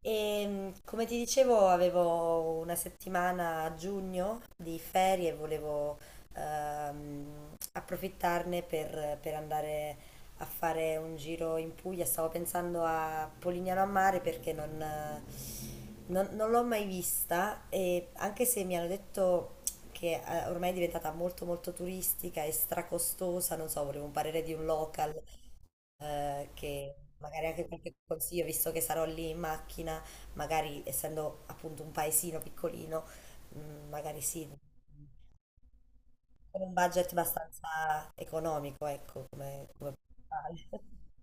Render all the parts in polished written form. E come ti dicevo, avevo una settimana a giugno di ferie e volevo approfittarne per andare a fare un giro in Puglia. Stavo pensando a Polignano a Mare perché non l'ho mai vista, e anche se mi hanno detto che ormai è diventata molto molto turistica e stracostosa, non so, volevo un parere di un local, che magari anche qualche consiglio, visto che sarò lì in macchina, magari essendo appunto un paesino piccolino, magari sì, con un budget abbastanza economico, ecco, come principale.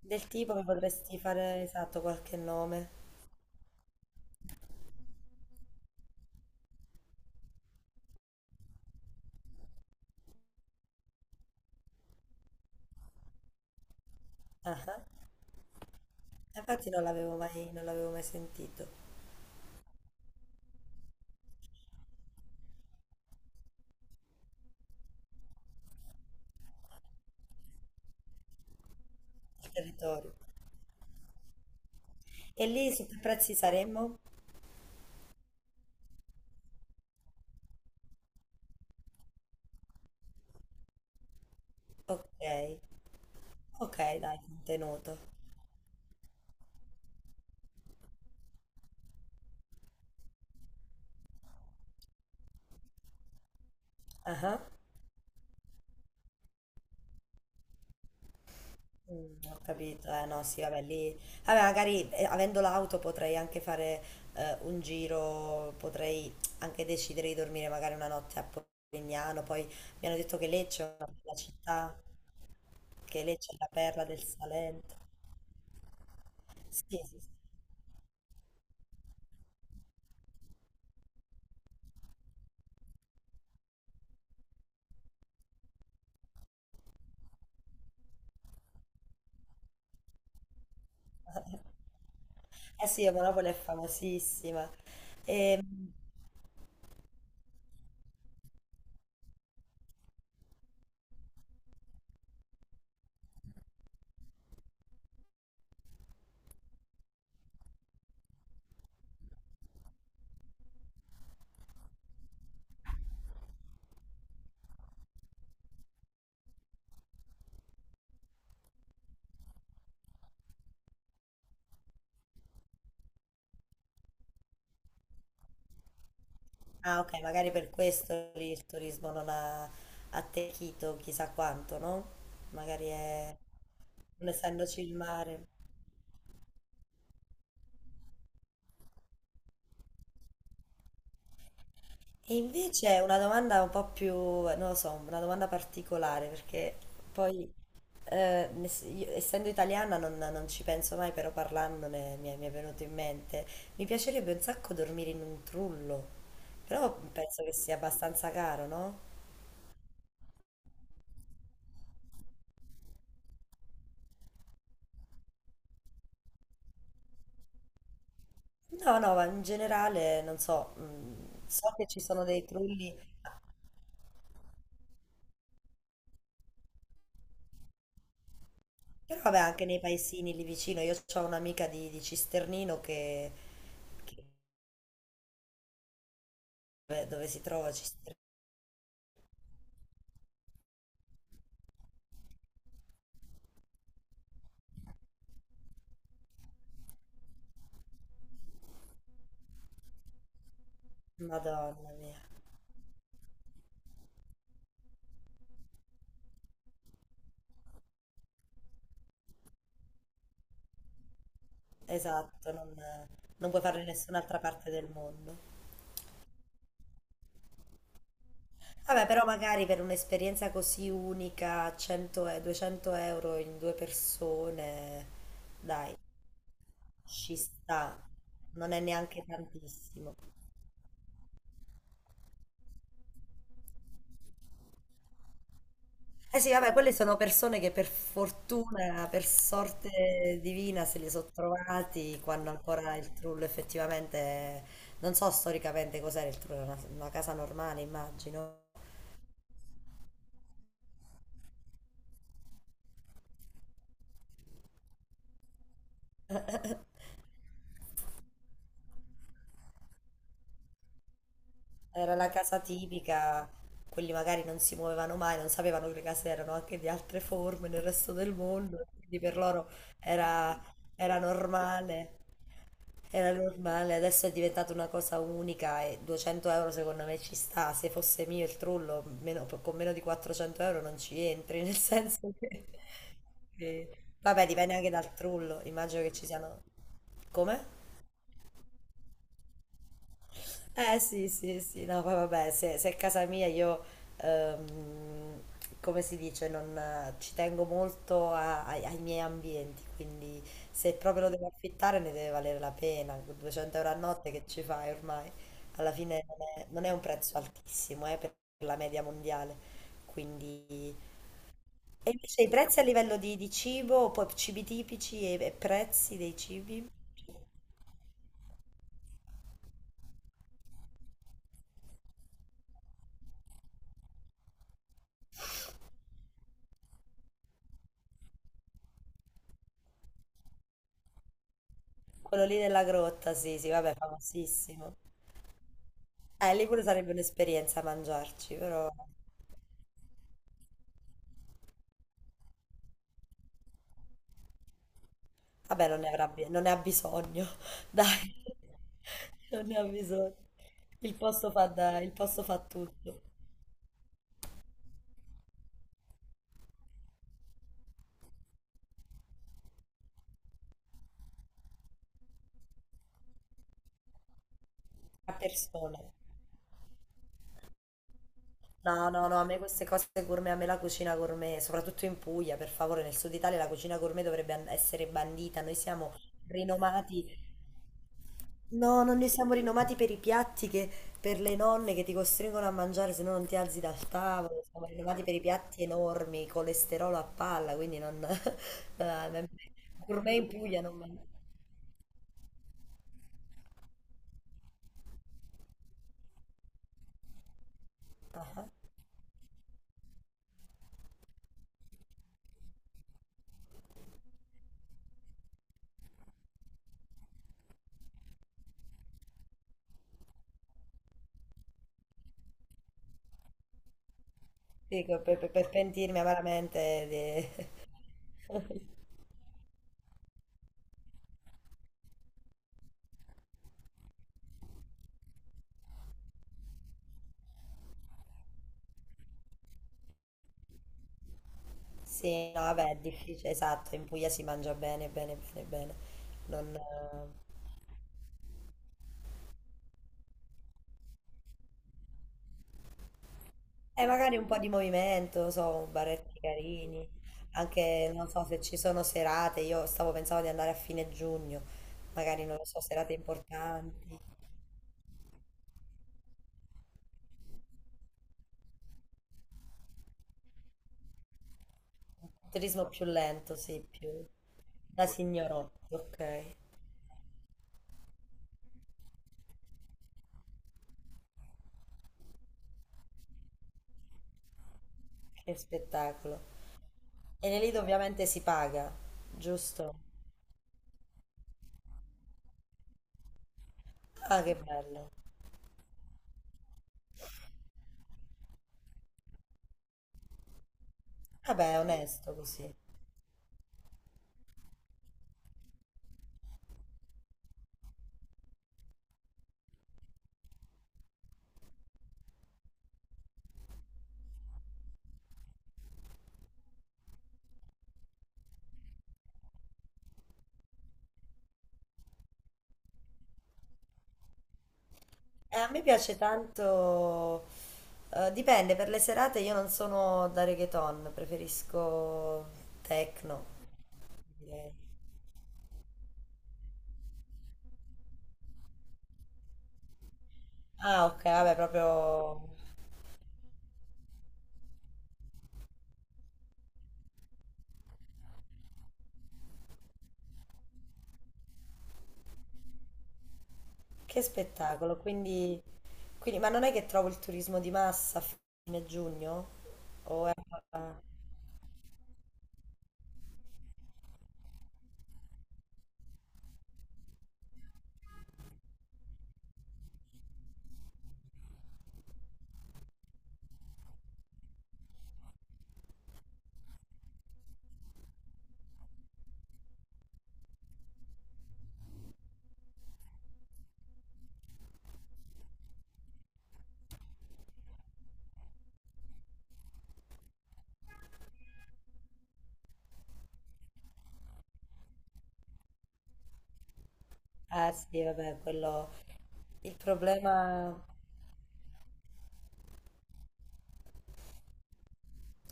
Del tipo mi potresti fare esatto qualche nome? Ah, ah. Infatti non l'avevo mai sentito, il territorio. E lì su che prezzi saremmo? Ok, ok, dai, contenuto. Ah ah. Mm, ho capito, eh no, sì, vabbè, lì, vabbè, magari avendo l'auto potrei anche fare un giro, potrei anche decidere di dormire magari una notte a Polignano, poi mi hanno detto che Lecce è una bella città, che Lecce è la perla del Salento. Sì, sì, sì. Eh sì, Monopoli è famosissima. Ehm, ah, ok, magari per questo lì il turismo non ha attecchito chissà quanto, no? Magari è, non essendoci il mare. E invece una domanda un po' più, non lo so, una domanda particolare, perché poi, io, essendo italiana, non ci penso mai, però parlandone mi è venuto in mente. Mi piacerebbe un sacco dormire in un trullo, però penso che sia abbastanza caro, no? No, no, ma in generale, non so, so che ci sono dei trulli, però vabbè, anche nei paesini lì vicino, io ho un'amica di Cisternino che- dove si trova Cisternino, Madonna mia. Esatto, non, non puoi farlo in nessun'altra parte del mondo. Vabbè, però magari per un'esperienza così unica, 100 e 200 euro in due persone, dai, ci sta, non è neanche tantissimo. Eh sì, vabbè, quelle sono persone che per fortuna, per sorte divina, se li sono trovati quando ancora il trullo effettivamente, non so storicamente cos'era il trullo, era una casa normale, immagino. Era la casa tipica, quelli magari non si muovevano mai, non sapevano che le case erano anche di altre forme nel resto del mondo, quindi per loro era, era normale, era normale, adesso è diventata una cosa unica e 200 euro secondo me ci sta, se fosse mio il trullo con meno di 400 euro non ci entri, nel senso che- Vabbè, dipende anche dal trullo, immagino che ci siano... Come? Eh sì, sì, sì, no, poi vabbè, se è casa mia io, ehm, come si dice, non, ci tengo molto a- ai miei ambienti, quindi se proprio lo devo affittare ne deve valere la pena, 200 euro a notte che ci fai ormai? Alla fine non è un prezzo altissimo, per la media mondiale, quindi... E invece i prezzi a livello di cibo, poi cibi tipici e prezzi dei cibi? Quello lì della grotta, sì, sì, vabbè, famosissimo. Lì pure sarebbe un'esperienza mangiarci, però vabbè, non ne ha bisogno, dai, non ne ha bisogno. Il posto fa tutto, a persone. No, no, no, a me queste cose gourmet, a me la cucina gourmet, soprattutto in Puglia, per favore, nel sud Italia la cucina gourmet essere bandita. Noi siamo rinomati. No, non ne siamo rinomati per i piatti che per le nonne che ti costringono a mangiare se no non ti alzi dal tavolo. Siamo rinomati per i piatti enormi, colesterolo a palla, quindi non... eh, Gourmet in Puglia non mangio. Ah, sì, per pentirmi amaramente di... Sì, no, vabbè, è difficile, esatto, in Puglia si mangia bene, bene, bene, bene. Non... E magari un po' di movimento, non so, baretti carini, anche non so se ci sono serate, io stavo pensando di andare a fine giugno, magari non lo so, serate importanti. Turismo più lento, sì, più da signorotti, ok, che spettacolo. E nei lidi ovviamente si paga, giusto? Ah, che bello. Vabbè, è onesto così. E a me piace tanto, dipende, per le serate io non sono da reggaeton, preferisco techno. Direi. Ah, ok, vabbè, proprio che spettacolo. Quindi, quindi- ma non è che trovo il turismo di massa a fine giugno? O è... Ah, sì, vabbè, quello... Il problema...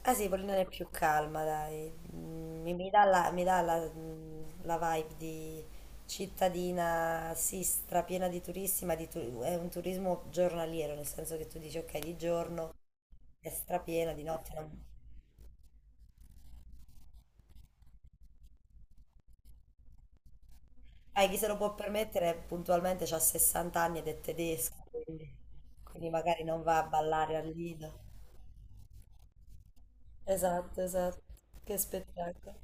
Ah sì, Polina è più calma, dai. Mm, mi dà mi dà la- mm, la vibe di cittadina, sì, strapiena di turisti, ma di tu- è un turismo giornaliero, nel senso che tu dici, ok, di giorno è strapiena, di notte non... Ah, chi se lo può permettere puntualmente ha 60 anni ed è tedesco, quindi, quindi magari non va a ballare al Lido. Esatto, esatto. Che spettacolo.